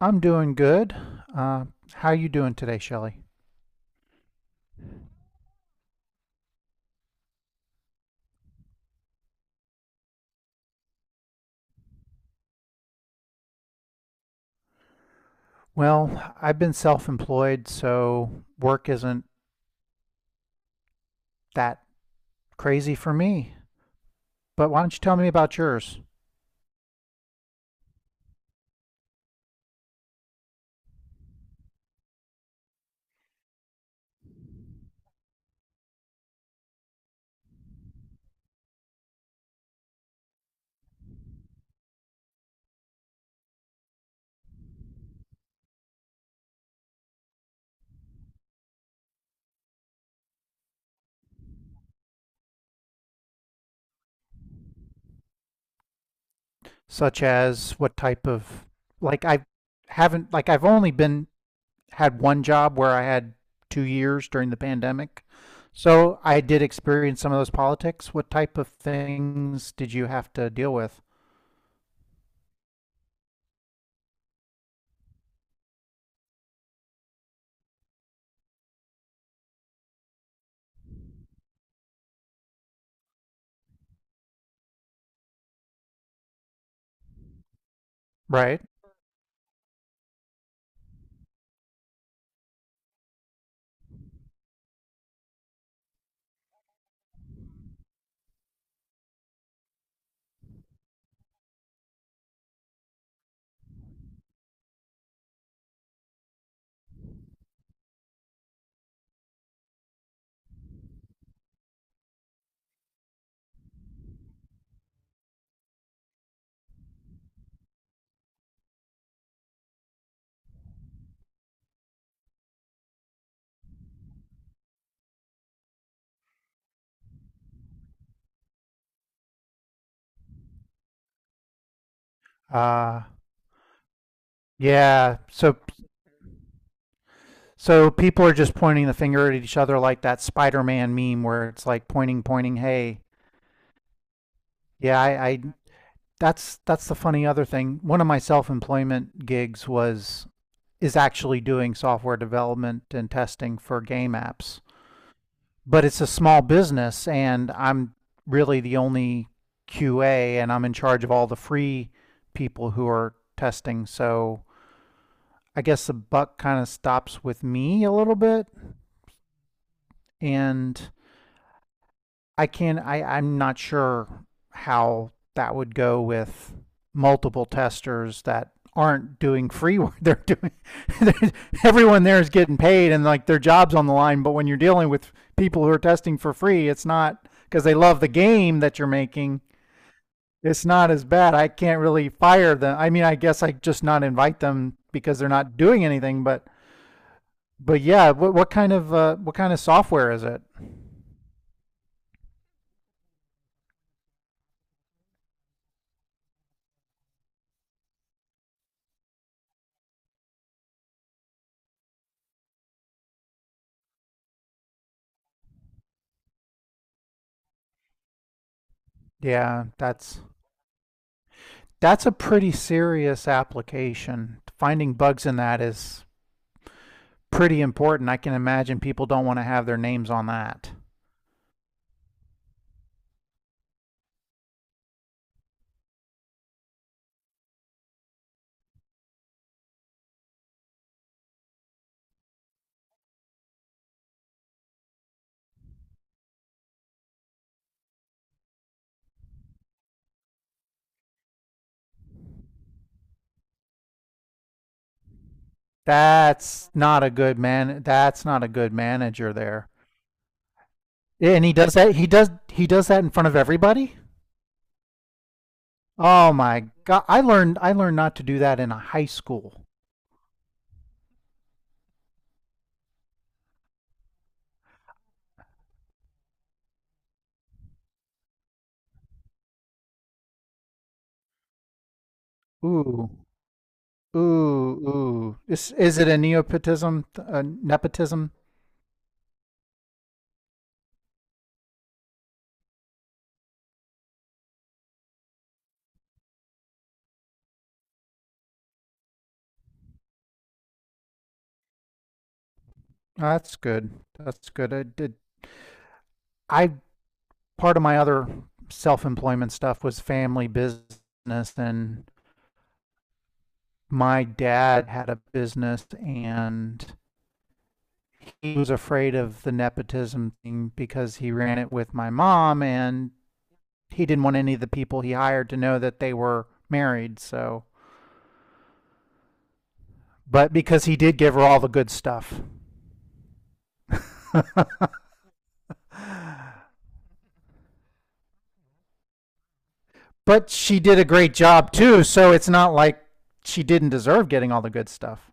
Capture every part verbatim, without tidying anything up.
I'm doing good. Uh, how you doing today, Shelley? Well, I've been self-employed, so work isn't that crazy for me. But why don't you tell me about yours? Such as what type of like I haven't like I've only been had one job where I had two years during the pandemic. So I did experience some of those politics. What type of things did you have to deal with? Right. Uh yeah. So So people are just pointing the finger at each other like that Spider-Man meme where it's like pointing, pointing. Hey, yeah, I, I that's that's the funny other thing. One of my self-employment gigs was is actually doing software development and testing for game apps, but it's a small business, and I'm really the only Q A, and I'm in charge of all the free people who are testing. So I guess the buck kind of stops with me a little bit, and I can I I'm not sure how that would go with multiple testers that aren't doing free work. They're doing everyone there is getting paid and like their jobs on the line. But when you're dealing with people who are testing for free, it's not because they love the game that you're making. It's not as bad. I can't really fire them. I mean, I guess I just not invite them because they're not doing anything. But but yeah, what what kind of uh, what kind of software is it? Yeah, that's that's a pretty serious application. Finding bugs in that is pretty important. I can imagine people don't want to have their names on that. That's not a good man. That's not a good manager there. Yeah, and he does that. He does. He does that in front of everybody. Oh my god! I learned. I learned not to do that in a high school. Ooh, ooh, ooh. Is is it a nepotism? A nepotism? That's good. That's good. I did. I part of my other self-employment stuff was family business and my dad had a business and he was afraid of the nepotism thing because he ran it with my mom and he didn't want any of the people he hired to know that they were married, so but because he did give her all the good stuff, but she did a great job too, so it's not like she didn't deserve getting all the good stuff.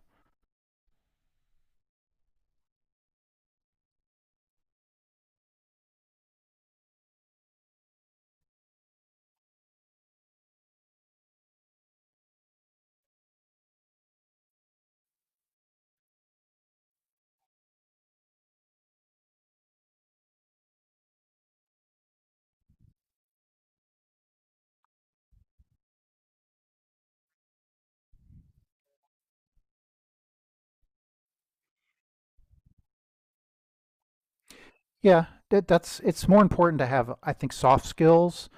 Yeah, that, that's it's more important to have, I think, soft skills,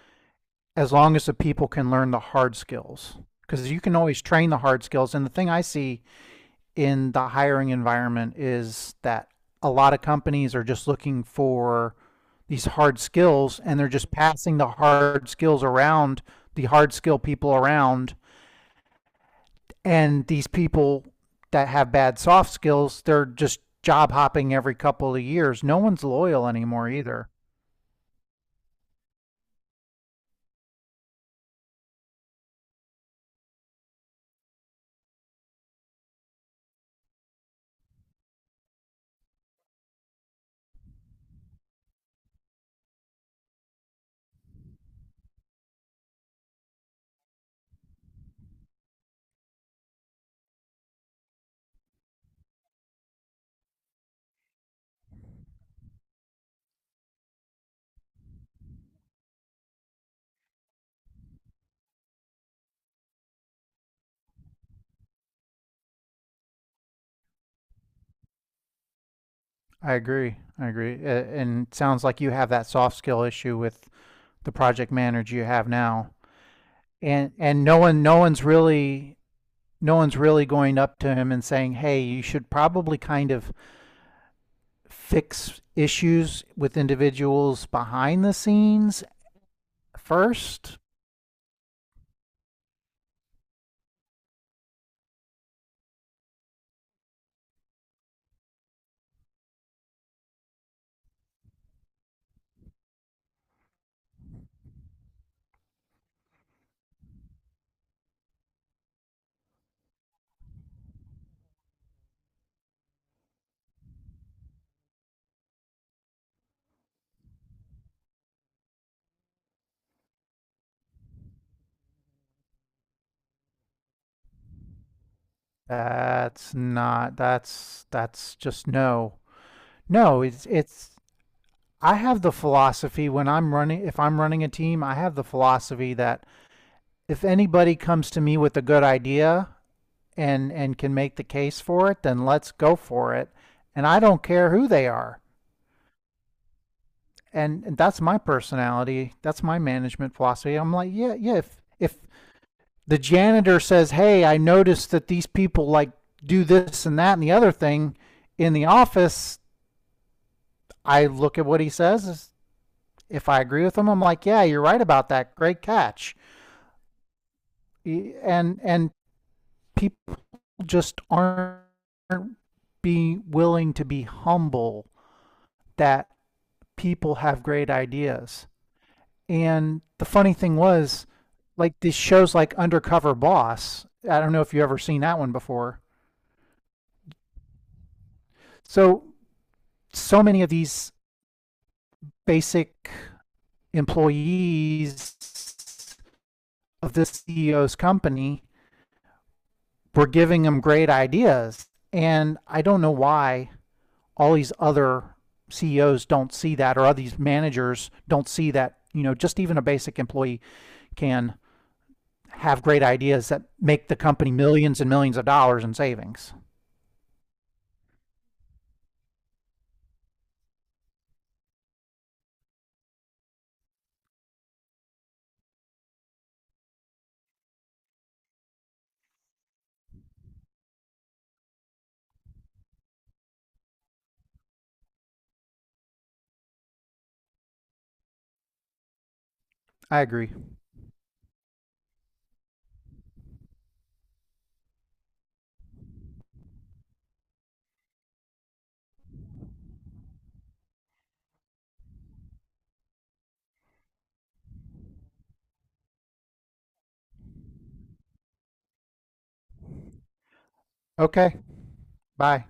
as long as the people can learn the hard skills, because you can always train the hard skills. And the thing I see in the hiring environment is that a lot of companies are just looking for these hard skills, and they're just passing the hard skills around, the hard skill people around, and these people that have bad soft skills, they're just job hopping every couple of years. No one's loyal anymore either. i agree I agree. Uh, and it sounds like you have that soft skill issue with the project manager you have now, and and no one no one's really no one's really going up to him and saying, "Hey, you should probably kind of fix issues with individuals behind the scenes first." That's not that's that's just no. No, it's it's I have the philosophy when I'm running, if I'm running a team, I have the philosophy that if anybody comes to me with a good idea, and and can make the case for it, then let's go for it. And I don't care who they are. And, and that's my personality. That's my management philosophy. I'm like, yeah, yeah. If if the janitor says, "Hey, I noticed that these people like do this and that and the other thing in the office," I look at what he says. If I agree with him, I'm like, "Yeah, you're right about that. Great catch." E, And and people just aren't be willing to be humble, that people have great ideas. And the funny thing was, like these shows like Undercover Boss, I don't know if you've ever seen that one before. So, so many of these basic employees of this C E O's company were giving them great ideas. And I don't know why all these other C E Os don't see that, or all these managers don't see that, you know, just even a basic employee can have great ideas that make the company millions and millions of dollars in savings. I agree. Okay. Bye.